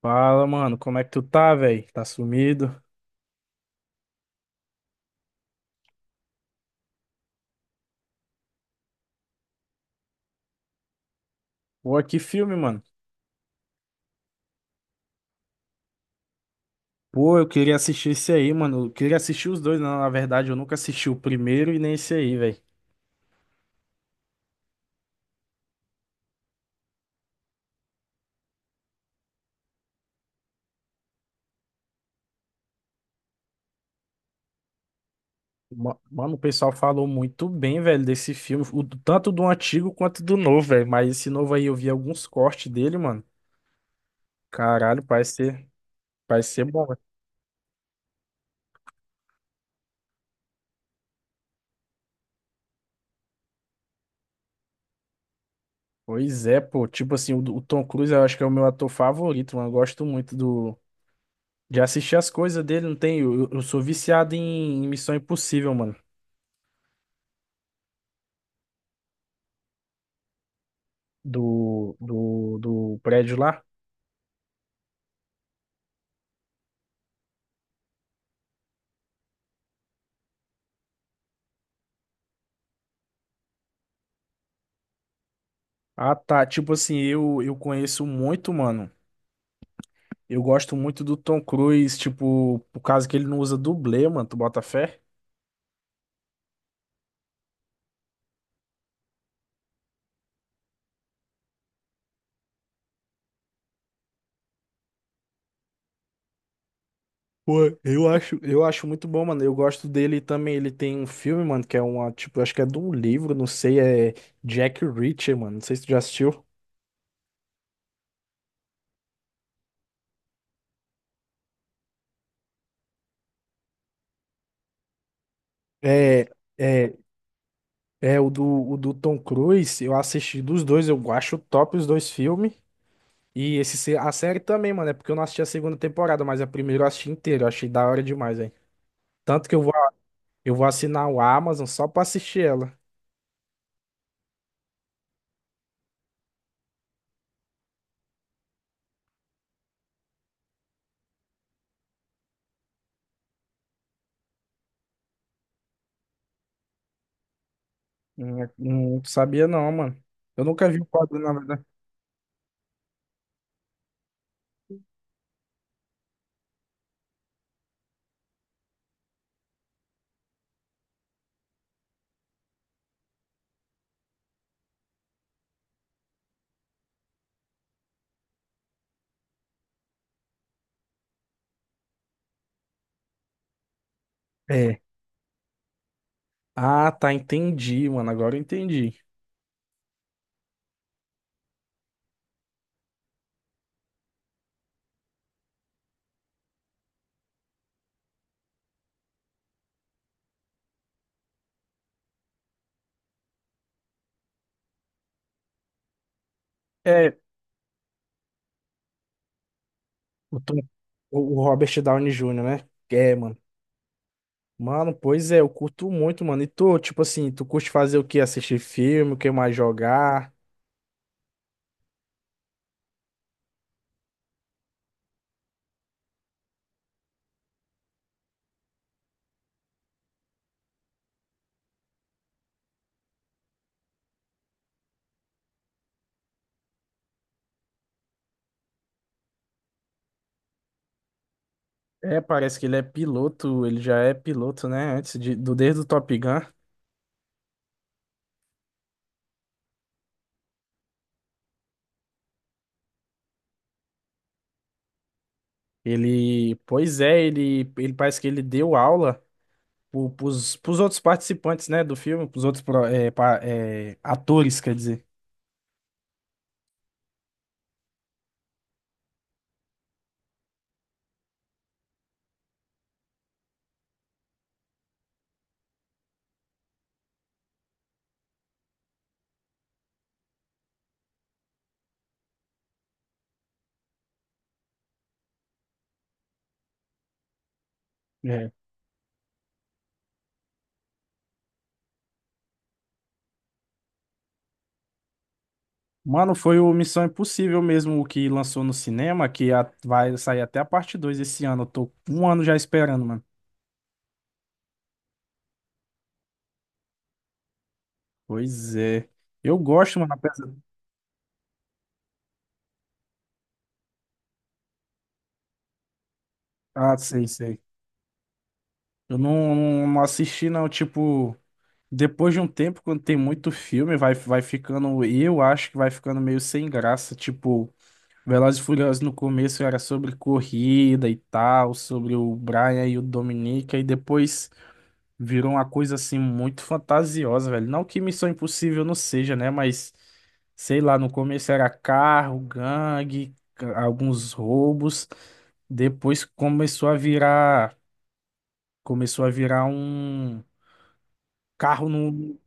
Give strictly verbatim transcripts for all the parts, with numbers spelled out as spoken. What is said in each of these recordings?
Fala, mano, como é que tu tá, velho? Tá sumido? Pô, que filme, mano. Pô, eu queria assistir esse aí, mano. Eu queria assistir os dois, na na verdade, eu nunca assisti o primeiro e nem esse aí, velho. Ma- Mano, o pessoal falou muito bem, velho, desse filme, o, do- tanto do antigo quanto do novo, velho. Mas esse novo aí eu vi alguns cortes dele, mano. Caralho, parece ser, parece ser bom, velho. Pois é, pô. Tipo assim, o, o Tom Cruise eu acho que é o meu ator favorito, mano. Eu gosto muito do, de assistir as coisas dele, não tem? Eu, eu eu sou viciado em Missão Impossível, mano. do, do, do prédio lá? Ah, tá. Tipo assim, eu, eu conheço muito, mano. Eu gosto muito do Tom Cruise, tipo, por causa que ele não usa dublê, mano. Tu bota fé? Pô, eu acho, eu acho muito bom, mano. Eu gosto dele também. Ele tem um filme, mano, que é uma, tipo, acho que é de um livro, não sei, é Jack Reacher, mano. Não sei se tu já assistiu. É, é, é o do, o do Tom Cruise. Eu assisti dos dois, eu acho top os dois filmes. E esse, se- a série também, mano, é porque eu não assisti a segunda temporada, mas a primeira eu assisti inteira, eu achei da hora demais, velho. Tanto que eu vou, eu vou assinar o Amazon só pra assistir ela. Não, não sabia não, mano. Eu nunca vi o quadro, na verdade. É. Ah, tá, entendi, mano, agora eu entendi. É, o, Tom- o o Robert Downey Júnior, né? É, mano. Mano, pois é, eu curto muito, mano. E tu, tipo assim, tu curte fazer o quê? Assistir filme, o que mais jogar? É, parece que ele é piloto, ele já é piloto, né? Antes de, do, desde o Top Gun. Ele, pois é, ele, ele parece que ele deu aula pro, pros, pros outros participantes, né, do filme, pros outros pro- é, pa- é, atores, quer dizer. É. Mano, foi o Missão Impossível mesmo o que lançou no cinema, que a- vai sair até a parte dois esse ano. Eu tô um ano já esperando, mano. Pois é. Eu gosto, mano, apesar... Ah, sei, sei. Eu não, não assisti, não, tipo... Depois de um tempo, quando tem muito filme, vai, vai ficando... Eu acho que vai ficando meio sem graça, tipo... Velozes e Furiosos no começo era sobre corrida e tal, sobre o Brian e o Dominica, e depois virou uma coisa assim muito fantasiosa, velho. Não que Missão Impossível não seja, né? Mas sei lá, no começo era carro, gangue, ca- alguns roubos. Depois começou a virar, começou a virar um carro no,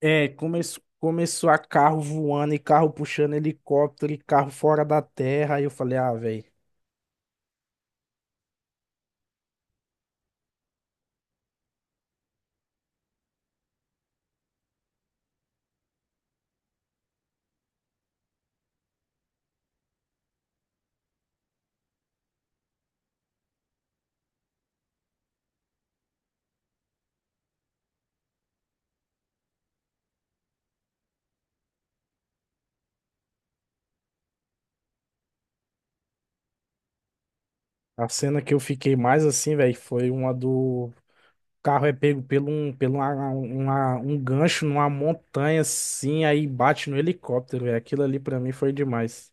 é, começou começou a carro voando e carro puxando helicóptero e carro fora da terra. Aí eu falei, ah, velho. A cena que eu fiquei mais assim, velho, foi uma do o carro é pego pelo um, pelo uma, uma- um gancho numa montanha assim, aí bate no helicóptero, velho. Aquilo ali pra mim foi demais.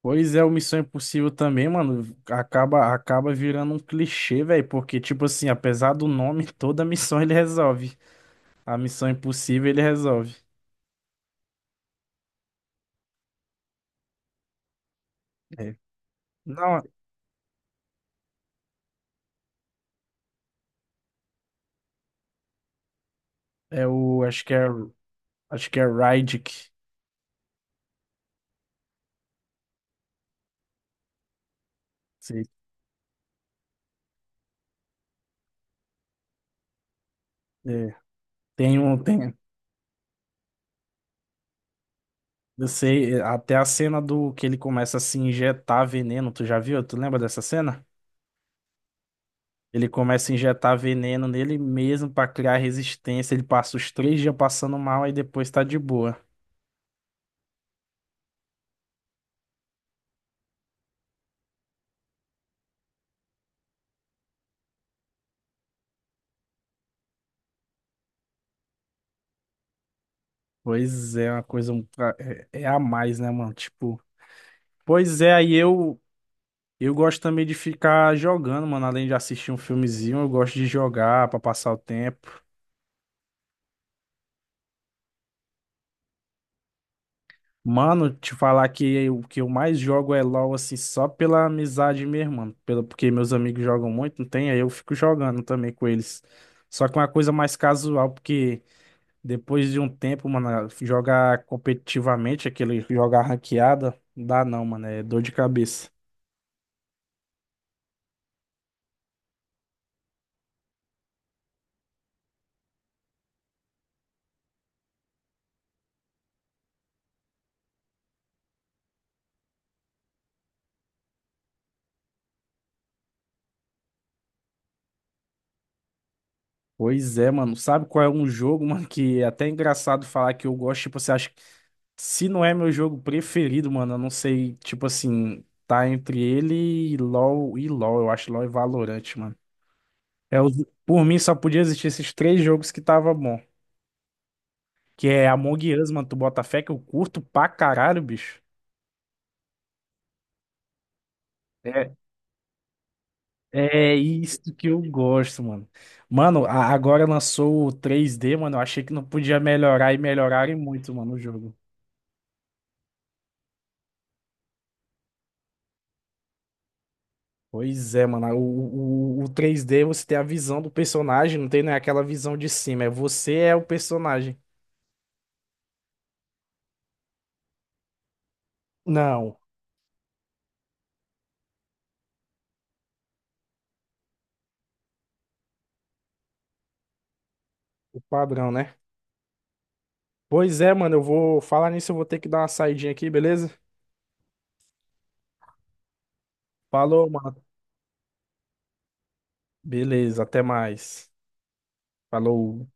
Pois é, o Missão Impossível também, mano, acaba acaba virando um clichê, velho, porque tipo assim, apesar do nome, toda missão ele resolve. A Missão Impossível ele resolve. É. Não, é o acho que é acho que é Rydick. Sei. É. Tem um tem Eu sei, eh, até a cena do que ele começa a se injetar veneno, tu já viu? Tu lembra dessa cena? Ele começa a injetar veneno nele mesmo pra criar resistência. Ele passa os três dias passando mal e depois tá de boa. Pois é, uma coisa um pra- é, é a mais, né, mano? Tipo, pois é, aí eu eu gosto também de ficar jogando, mano. Além de assistir um filmezinho, eu gosto de jogar pra passar o tempo. Mano, te falar que o que eu mais jogo é LoL, assim, só pela amizade mesmo, mano. Pelo, porque meus amigos jogam muito, não tem? Aí eu fico jogando também com eles. Só que uma coisa mais casual, porque depois de um tempo, mano, jogar competitivamente, aquele jogar ranqueada, não dá não, mano, é dor de cabeça. Pois é, mano. Sabe qual é um jogo, mano, que é até engraçado falar que eu gosto, tipo, você acha, se não é meu jogo preferido, mano, eu não sei, tipo assim, tá entre ele e LoL e LoL, eu acho LoL e Valorant, mano. É os- por mim só podia existir esses três jogos que tava bom, que é Among Us, mano, tu bota fé que eu curto pra caralho, bicho. É, é isso que eu gosto, mano. Mano, a- agora lançou o três dê, mano, eu achei que não podia melhorar e melhorarem muito, mano, o jogo. Pois é, mano. O, o, o três d você tem a visão do personagem, não tem, né, aquela visão de cima. É você é o personagem. Não, o padrão, né? Pois é, mano. Eu vou falar nisso, eu vou ter que dar uma saidinha aqui, beleza? Falou, mano. Beleza, até mais. Falou.